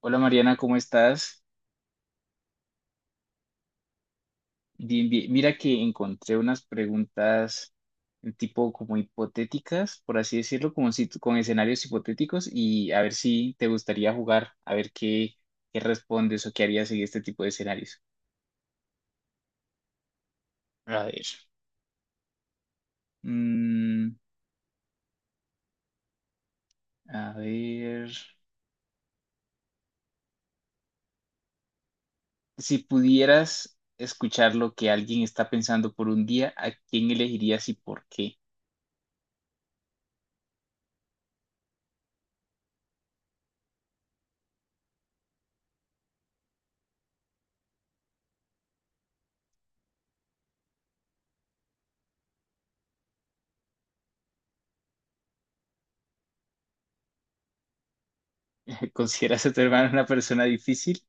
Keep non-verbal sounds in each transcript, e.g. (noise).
Hola Mariana, ¿cómo estás? Bien, bien. Mira que encontré unas preguntas tipo como hipotéticas, por así decirlo, como si, con escenarios hipotéticos y a ver si te gustaría jugar, a ver qué, qué respondes o qué harías en este tipo de escenarios. A ver. mm, a ver. Si pudieras escuchar lo que alguien está pensando por un día, ¿a quién elegirías y por qué? (laughs) ¿Consideras a tu hermano una persona difícil?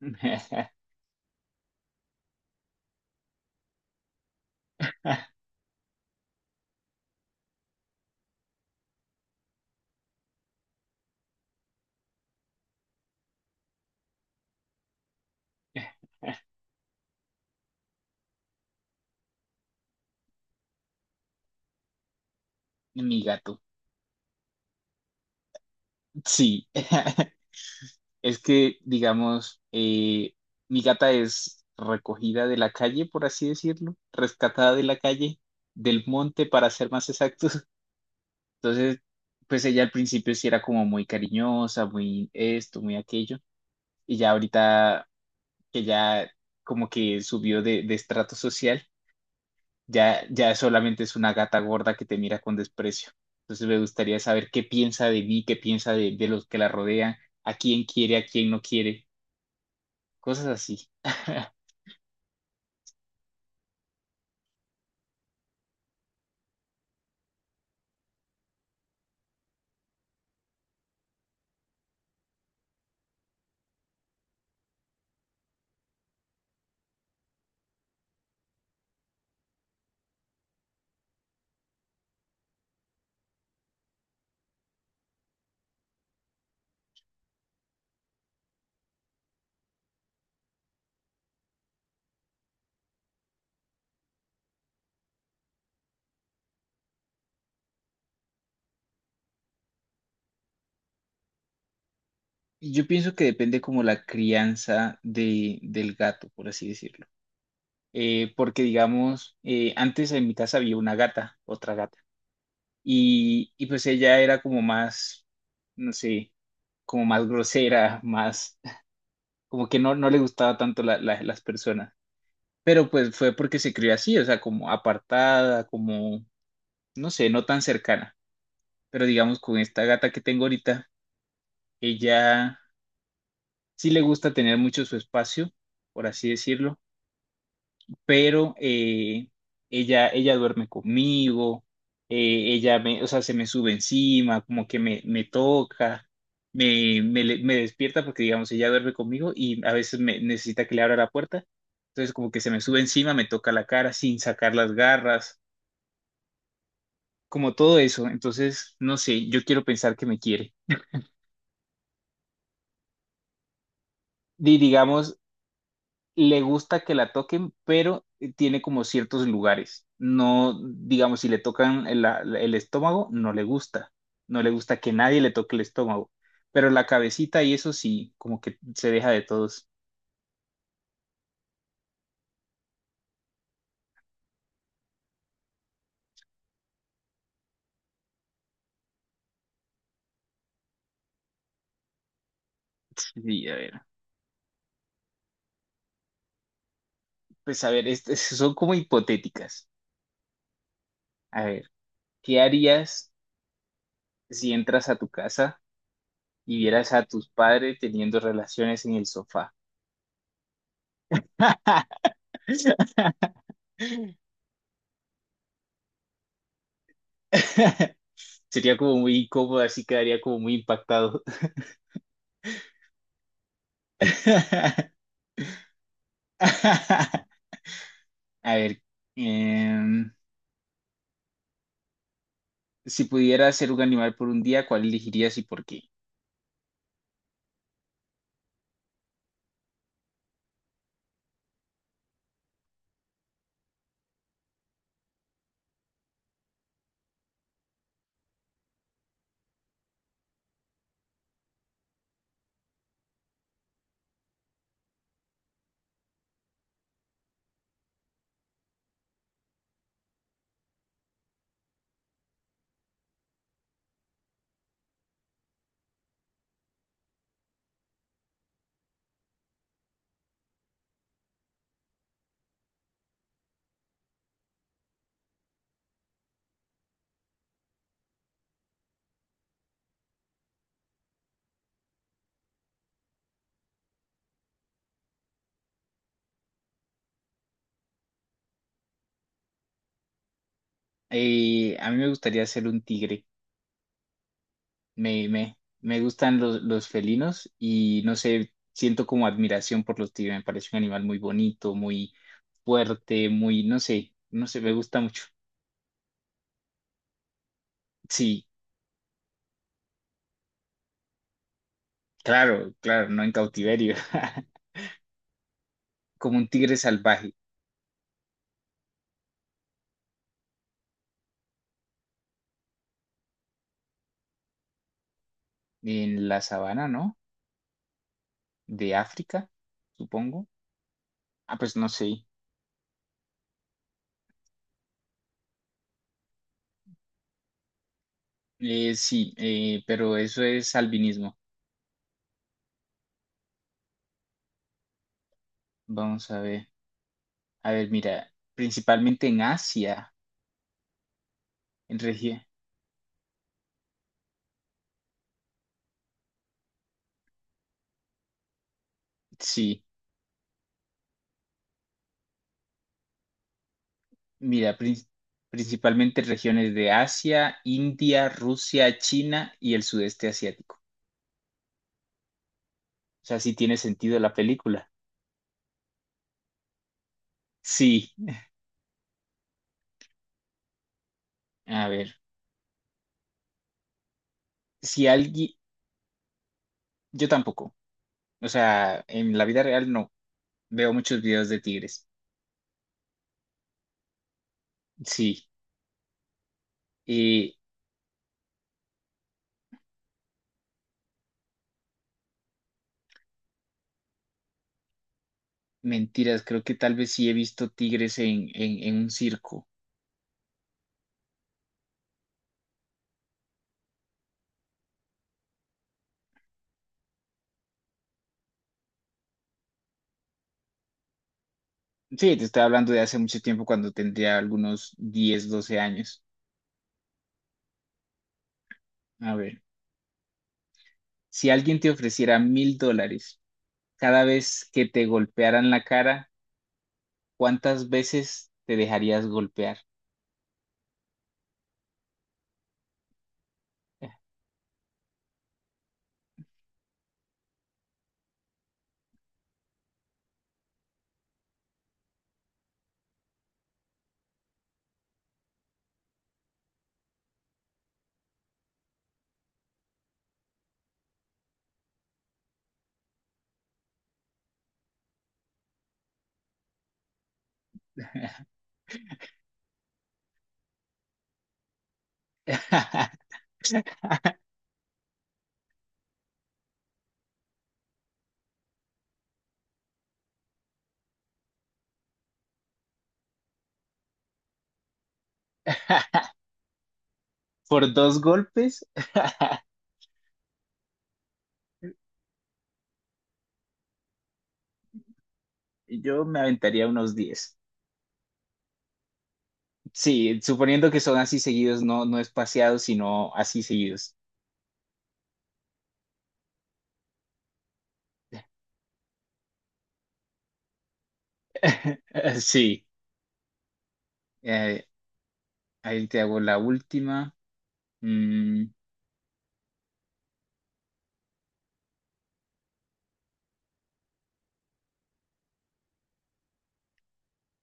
(laughs) Mi gato. Sí, (laughs) es que, digamos, mi gata es recogida de la calle, por así decirlo, rescatada de la calle, del monte, para ser más exactos. (laughs) Entonces, pues ella al principio sí era como muy cariñosa, muy esto, muy aquello, y ya ahorita que ya como que subió de estrato social, ya, ya solamente es una gata gorda que te mira con desprecio. Entonces me gustaría saber qué piensa de mí, qué piensa de los que la rodean, a quién quiere, a quién no quiere, cosas así. (laughs) Yo pienso que depende como la crianza de, del gato, por así decirlo. Porque digamos, antes en mi casa había una gata, otra gata, y pues ella era como más, no sé, como más grosera, más, (laughs) como que no, no le gustaba tanto las personas. Pero pues fue porque se crió así, o sea, como apartada, como, no sé, no tan cercana. Pero digamos, con esta gata que tengo ahorita, ella sí le gusta tener mucho su espacio, por así decirlo, pero ella duerme conmigo, ella me, o sea, se me sube encima, como que me toca, me despierta porque, digamos, ella duerme conmigo y a veces me necesita que le abra la puerta. Entonces, como que se me sube encima, me toca la cara sin sacar las garras, como todo eso. Entonces, no sé, yo quiero pensar que me quiere. Y digamos, le gusta que la toquen, pero tiene como ciertos lugares. No, digamos, si le tocan el estómago, no le gusta. No le gusta que nadie le toque el estómago. Pero la cabecita y eso sí, como que se deja de todos. Sí, a ver. Pues a ver, estas son como hipotéticas. A ver, ¿qué harías si entras a tu casa y vieras a tus padres teniendo relaciones en el sofá? (laughs) Sería como muy incómodo, así quedaría como muy impactado. (laughs) (laughs) A ver, em, si pudiera ser un animal por un día, ¿cuál elegirías y por qué? A mí me gustaría ser un tigre. Me gustan los felinos y no sé, siento como admiración por los tigres. Me parece un animal muy bonito, muy fuerte, muy, no sé, no sé, me gusta mucho. Sí, claro, claro, no en cautiverio. (laughs) Como un tigre salvaje en la sabana, ¿no? De África, supongo. Ah, pues no sé. Sí, pero eso es albinismo. Vamos a ver. A ver, mira, principalmente en Asia, en región. Sí, mira, principalmente regiones de Asia, India, Rusia, China y el sudeste asiático. O sea, sí tiene sentido la película. Sí, a ver, si alguien, yo tampoco. O sea, en la vida real no. Veo muchos videos de tigres. Sí, eh, mentiras, creo que tal vez sí he visto tigres en, en un circo. Sí, te estoy hablando de hace mucho tiempo cuando tendría algunos 10, 12 años. A ver, si alguien te ofreciera $1.000 cada vez que te golpearan la cara, ¿cuántas veces te dejarías golpear? (laughs) ¿Por 2 golpes? (laughs) Yo me aventaría unos 10. Sí, suponiendo que son así seguidos, no, no espaciados, sino así seguidos. (laughs) Sí, eh, ahí te hago la última. Mm,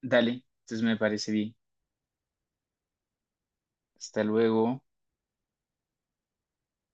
dale, entonces me parece bien. Hasta luego.